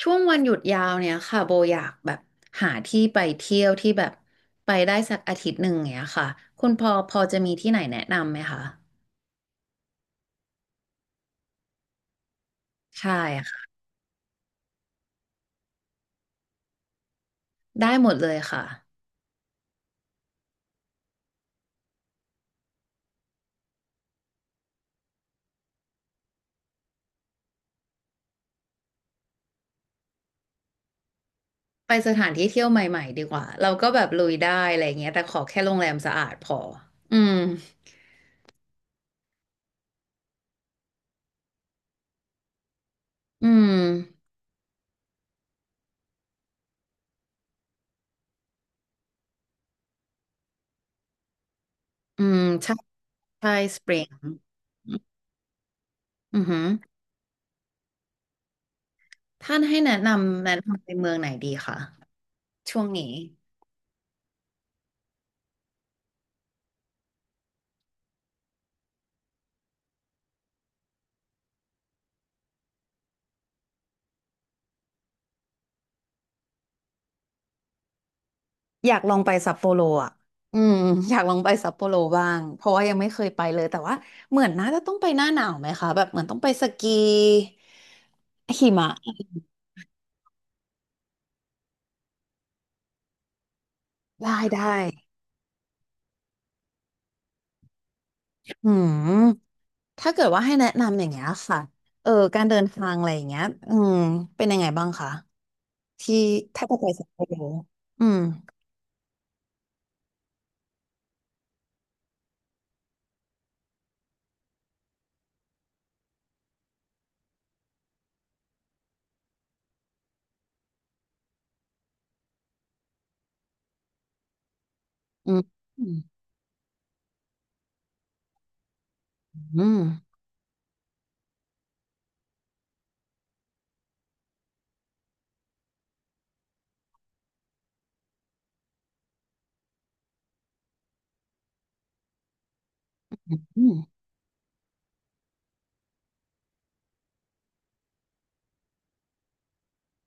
ช่วงวันหยุดยาวเนี่ยค่ะโบอยากแบบหาที่ไปเที่ยวที่แบบไปได้สักอาทิตย์หนึ่งอย่างเงี้ยค่ะคุณพอพอจะมีที่ไหนแนะนำไหมคะใช่ค่ะได้หมดเลยค่ะไปสถานที่เที่ยวใหม่ๆดีกว่าเราก็แบบลุยได้อะไรเงี้ยแต่ขอแค่โรงแรมสะอาดพออืมอืมอืมใช่ใช่สปริงอือหือท่านให้แนะนำแนะนำไปเมืองไหนดีคะช่วงนี้ อยากลองไปซัปโปโรอ่ะอืม อยากลองไปซัปโปโรบ้าง เพราะว่ายังไม่เคยไปเลย แต่ว่าเหมือนน่าจะต้องไปหน้าหนาวไหมคะแบบเหมือนต้องไปสกีหิมะได้ได้อืมถ้าเกิดว่าให้แนะนำอย่างเงี้ยค่ะเออการเดินทางอะไรอย่างเงี้ยอืมเป็นยังไงบ้างคะที่ถ้าจะไปสัปโปโรอืมอืมอืมอืม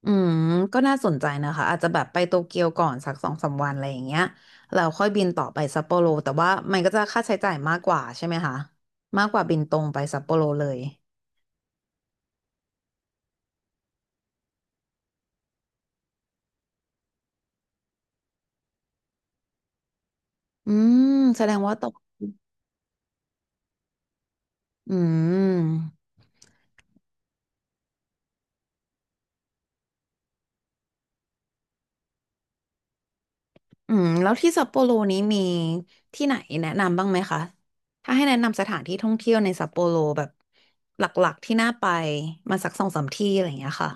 อืมก็น่าสนใจนะคะอาจจะแบบไปโตเกียวก่อนสักสองสามวันอะไรอย่างเงี้ยแล้วค่อยบินต่อไปซัปโปโรแต่ว่ามันก็จะค่าใช้จ่ายมากกว่าใช่ไหมคะมากกว่าบินตรงไปซัปโปโรเลยอืมแสดงว่าตกอืมอืมแล้วที่ซัปโปโรนี้มีที่ไหนแนะนำบ้างไหมคะถ้าให้แนะนำสถานที่ท่องเที่ยวในซัปโปโรแบบหลักๆที่น่าไปมาสักสองสามที่อะไรอย่างเงี้ยค่ะ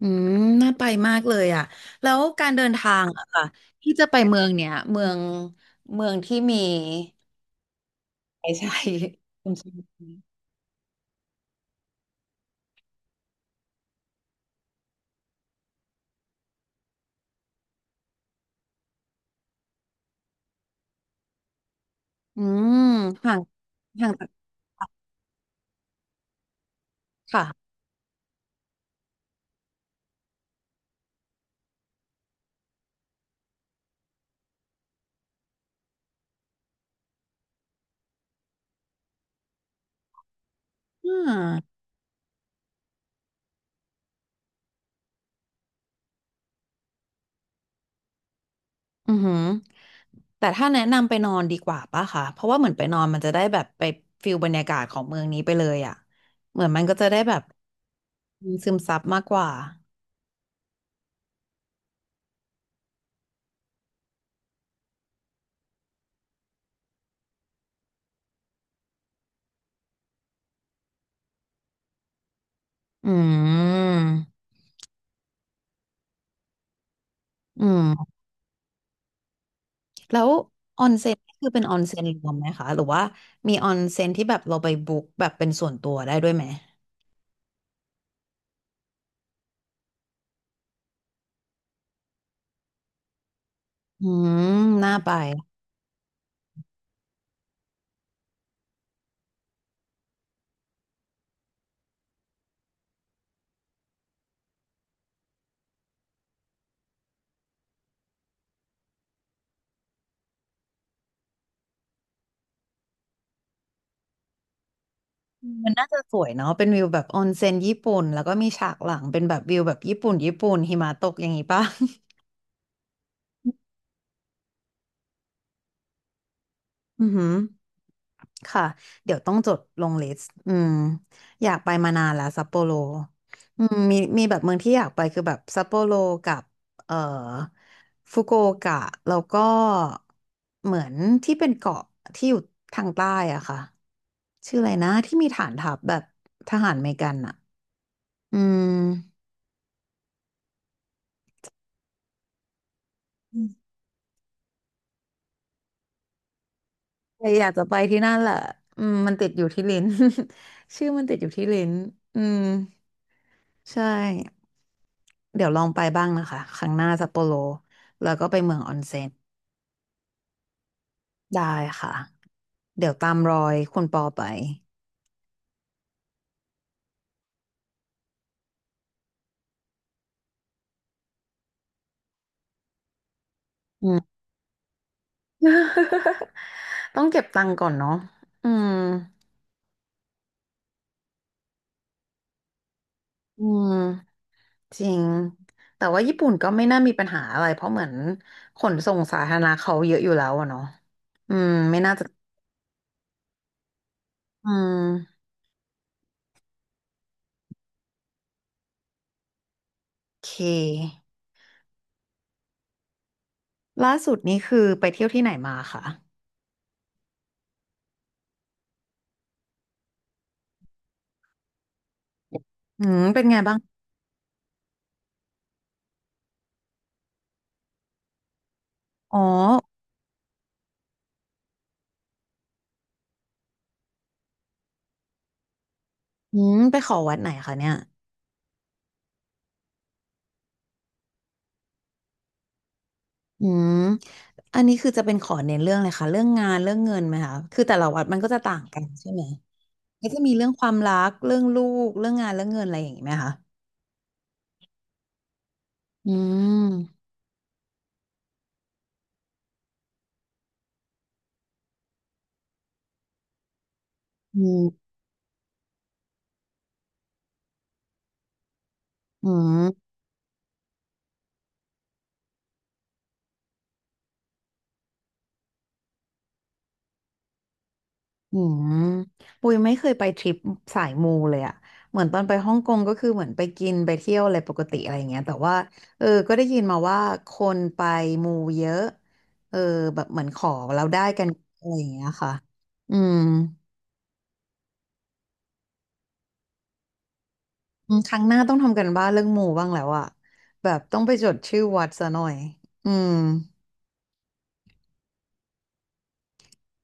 อืมน่าไปมากเลยอ่ะแล้วการเดินทางอะค่ะที่จะไปเมืองเนี้ยเมืองเมืองที่มีใช่ใช่คุณชอบอืมห่างห่างจากค่ะอ่าอือหือแต่ถ้าแนะนำไปนอนดีกว่าป่ะค่ะเพราะว่าเหมือนไปนอนมันจะได้แบบไปฟิลบรรยากาศของเมืองนี้ไปเลยอ่ะเหมือนมันก็จะได้แบบซึมซับมากกว่าอืมอืม แล้วออนเซ็นนี่คือเป็นออนเซ็นรวมไหมคะหรือว่ามีออนเซ็นที่แบบเราไปบุ๊กแบบเป็นส่วนตัวได้ด้วยไหมอืมน่าไปมันน่าจะสวยเนาะเป็นวิวแบบออนเซ็นญี่ปุ่นแล้วก็มีฉากหลังเป็นแบบวิวแบบญี่ปุ่นญี่ปุ่นหิมะตกอย่างนี้ป่ะ อือหือ ค่ะเดี๋ยวต้องจดลงลิสต์อืมอยากไปมานานแล้วซัปโปโรอืมมีมีแบบเมืองที่อยากไปคือแบบซัปโปโรกับเอ่อฟุกุโอกะแล้วก็เหมือนที่เป็นเกาะที่อยู่ทางใต้อะค่ะชื่ออะไรนะที่มีฐานทัพแบบทหารอเมริกันอะอืมอืมแต่อยากจะไปที่นั่นแหละอืมมันติดอยู่ที่ลิ้น ชื่อมันติดอยู่ที่ลิ้นอืมใช่ เดี๋ยวลองไปบ้างนะคะครั้งหน้าซัปโปโรแล้วก็ไปเมืองออนเซ็นได้ค่ะเดี๋ยวตามรอยคุณปอไปอืม ต้องเก็บตังค์ก่อนเนาะอืมอืมจริงแต่ว่าญี่ปุ่นก็ไม่น่ามีปัญหาอะไรเพราะเหมือนขนส่งสาธารณะเขาเยอะอยู่แล้วอะเนาะอืมไม่น่าจะอืมโอเคล่าสุดนี่คือไปเที่ยวที่ไหนมาคะอืมเป็นไงบ้างอ๋ออืมไปขอวัดไหนคะเนี่ย อืม อันนี้คือจะเป็นขอเน้นเรื่องเลยค่ะเรื่องงานเรื่องเงินไหมคะคือแต่ละวัดมันก็จะต่างกันใช่ไหมก็จะมีเรื่องความรักเรื่องลูกเรื่องงานเรื่องเงินอะไรอย่างนี้ไหมคะอืมอืมอืมอืมปุยไม่เคยไปทริปสายมูเลยอะเหมือนตอนไปฮ่องกงก็คือเหมือนไปกินไปเที่ยวอะไรปกติอะไรอย่างเงี้ยแต่ว่าเออก็ได้ยินมาว่าคนไปมูเยอะเออแบบเหมือนขอเราได้กันอะไรอย่างเงี้ยค่ะอืม อืมครั้งหน้าต้องทำกันบ้านเรื่องหมู่บ้างแล้วอะแบบต้องไปจดชื่อวัดซะหน่อยอืม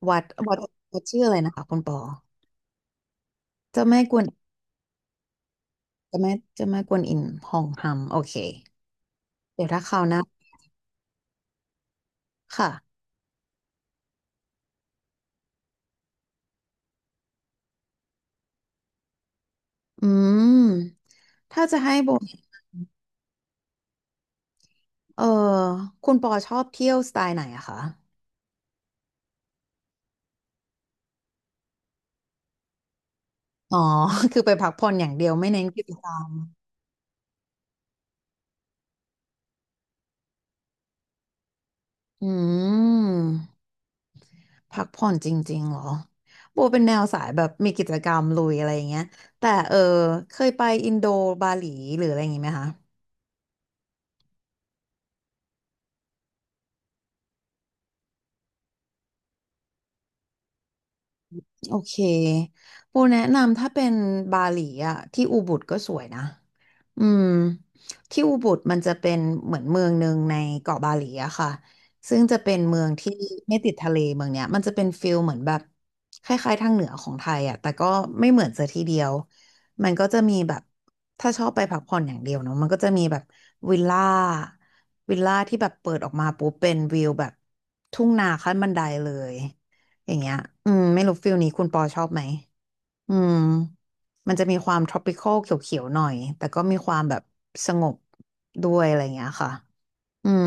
วัดวัดชื่ออะไรนะคะคุณปอเจ้าแม่กวนเจ้าแม่กวนอิมหองฮัมโอเคเดี๋ยวถ้าคราวหน้าค่ะอืมถ้าจะให้โบเออคุณปอชอบเที่ยวสไตล์ไหนอะคะอ๋อ คือไปพักผ่อนอย่างเดียวไม่เน้นกิจกรรมอืม พักผ่อนจริงๆเหรอโบเป็นแนวสายแบบมีกิจกรรมลุยอะไรอย่างเงี้ยแต่เออเคยไปอินโดบาหลีหรืออะไรอย่างงี้ไหมคะ โอเคปูแนะนำถ้าเป็นบาหลีอะที่อูบุดก็สวยนะอืมที่อูบุดมันจะเป็นเหมือนเมืองหนึ่งในเกาะบาหลีอะค่ะซึ่งจะเป็นเมืองที่ไม่ติดทะเลเมืองเนี้ยมันจะเป็นฟิลเหมือนแบบคล้ายๆทางเหนือของไทยอะแต่ก็ไม่เหมือนซะทีเดียว มันก็จะมีแบบถ้าชอบไปพักผ่อนอย่างเดียวเนาะมันก็จะมีแบบวิลล่าวิลล่าที่แบบเปิดออกมาปุ๊บเป็นวิวแบบทุ่งนาขั้นบันไดเลย อย่างเงี้ยอืมไม่รู้ฟิลนี้คุณปอชอบไหมอืมมันจะมีความ tropical เขียวๆหน่อยแต่ก็มีความแบบสงบด้วยอะไรอย่างเงี้ยค่ะอืม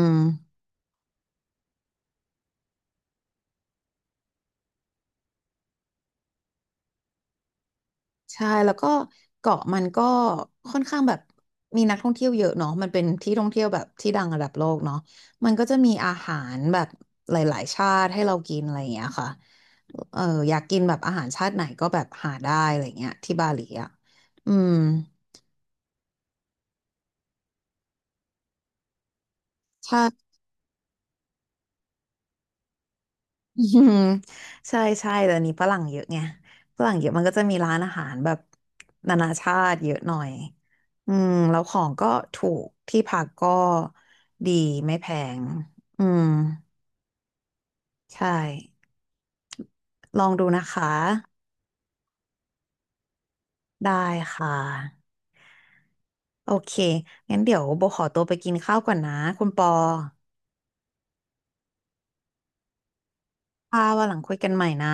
ใช่ แล้วก็เกาะมันก็ค่อนข้างแบบมีนักท่องเที่ยวเยอะเนาะมันเป็นที่ท่องเที่ยวแบบที่ดังระดับโลกเนาะมันก็จะมีอาหารแบบหลายๆชาติให้เรากินอะไรอย่างเงี้ยค่ะเอออยากกินแบบอาหารชาติไหนก็แบบหาได้อะไรเงี้ยที่บาหลีอ่ะอืมใช่ อืมใช่ใช่แต่อันนี้ฝรั่งเยอะไงฝรั่งเยอะมันก็จะมีร้านอาหารแบบนานาชาติเยอะหน่อยอืมแล้วของก็ถูกที่พักก็ดีไม่แพงอืมใช่ลองดูนะคะได้ค่ะโอเคงั้นเดี๋ยวโบขอตัวไปกินข้าวก่อนนะคุณปอค่ะวันหลังคุยกันใหม่นะ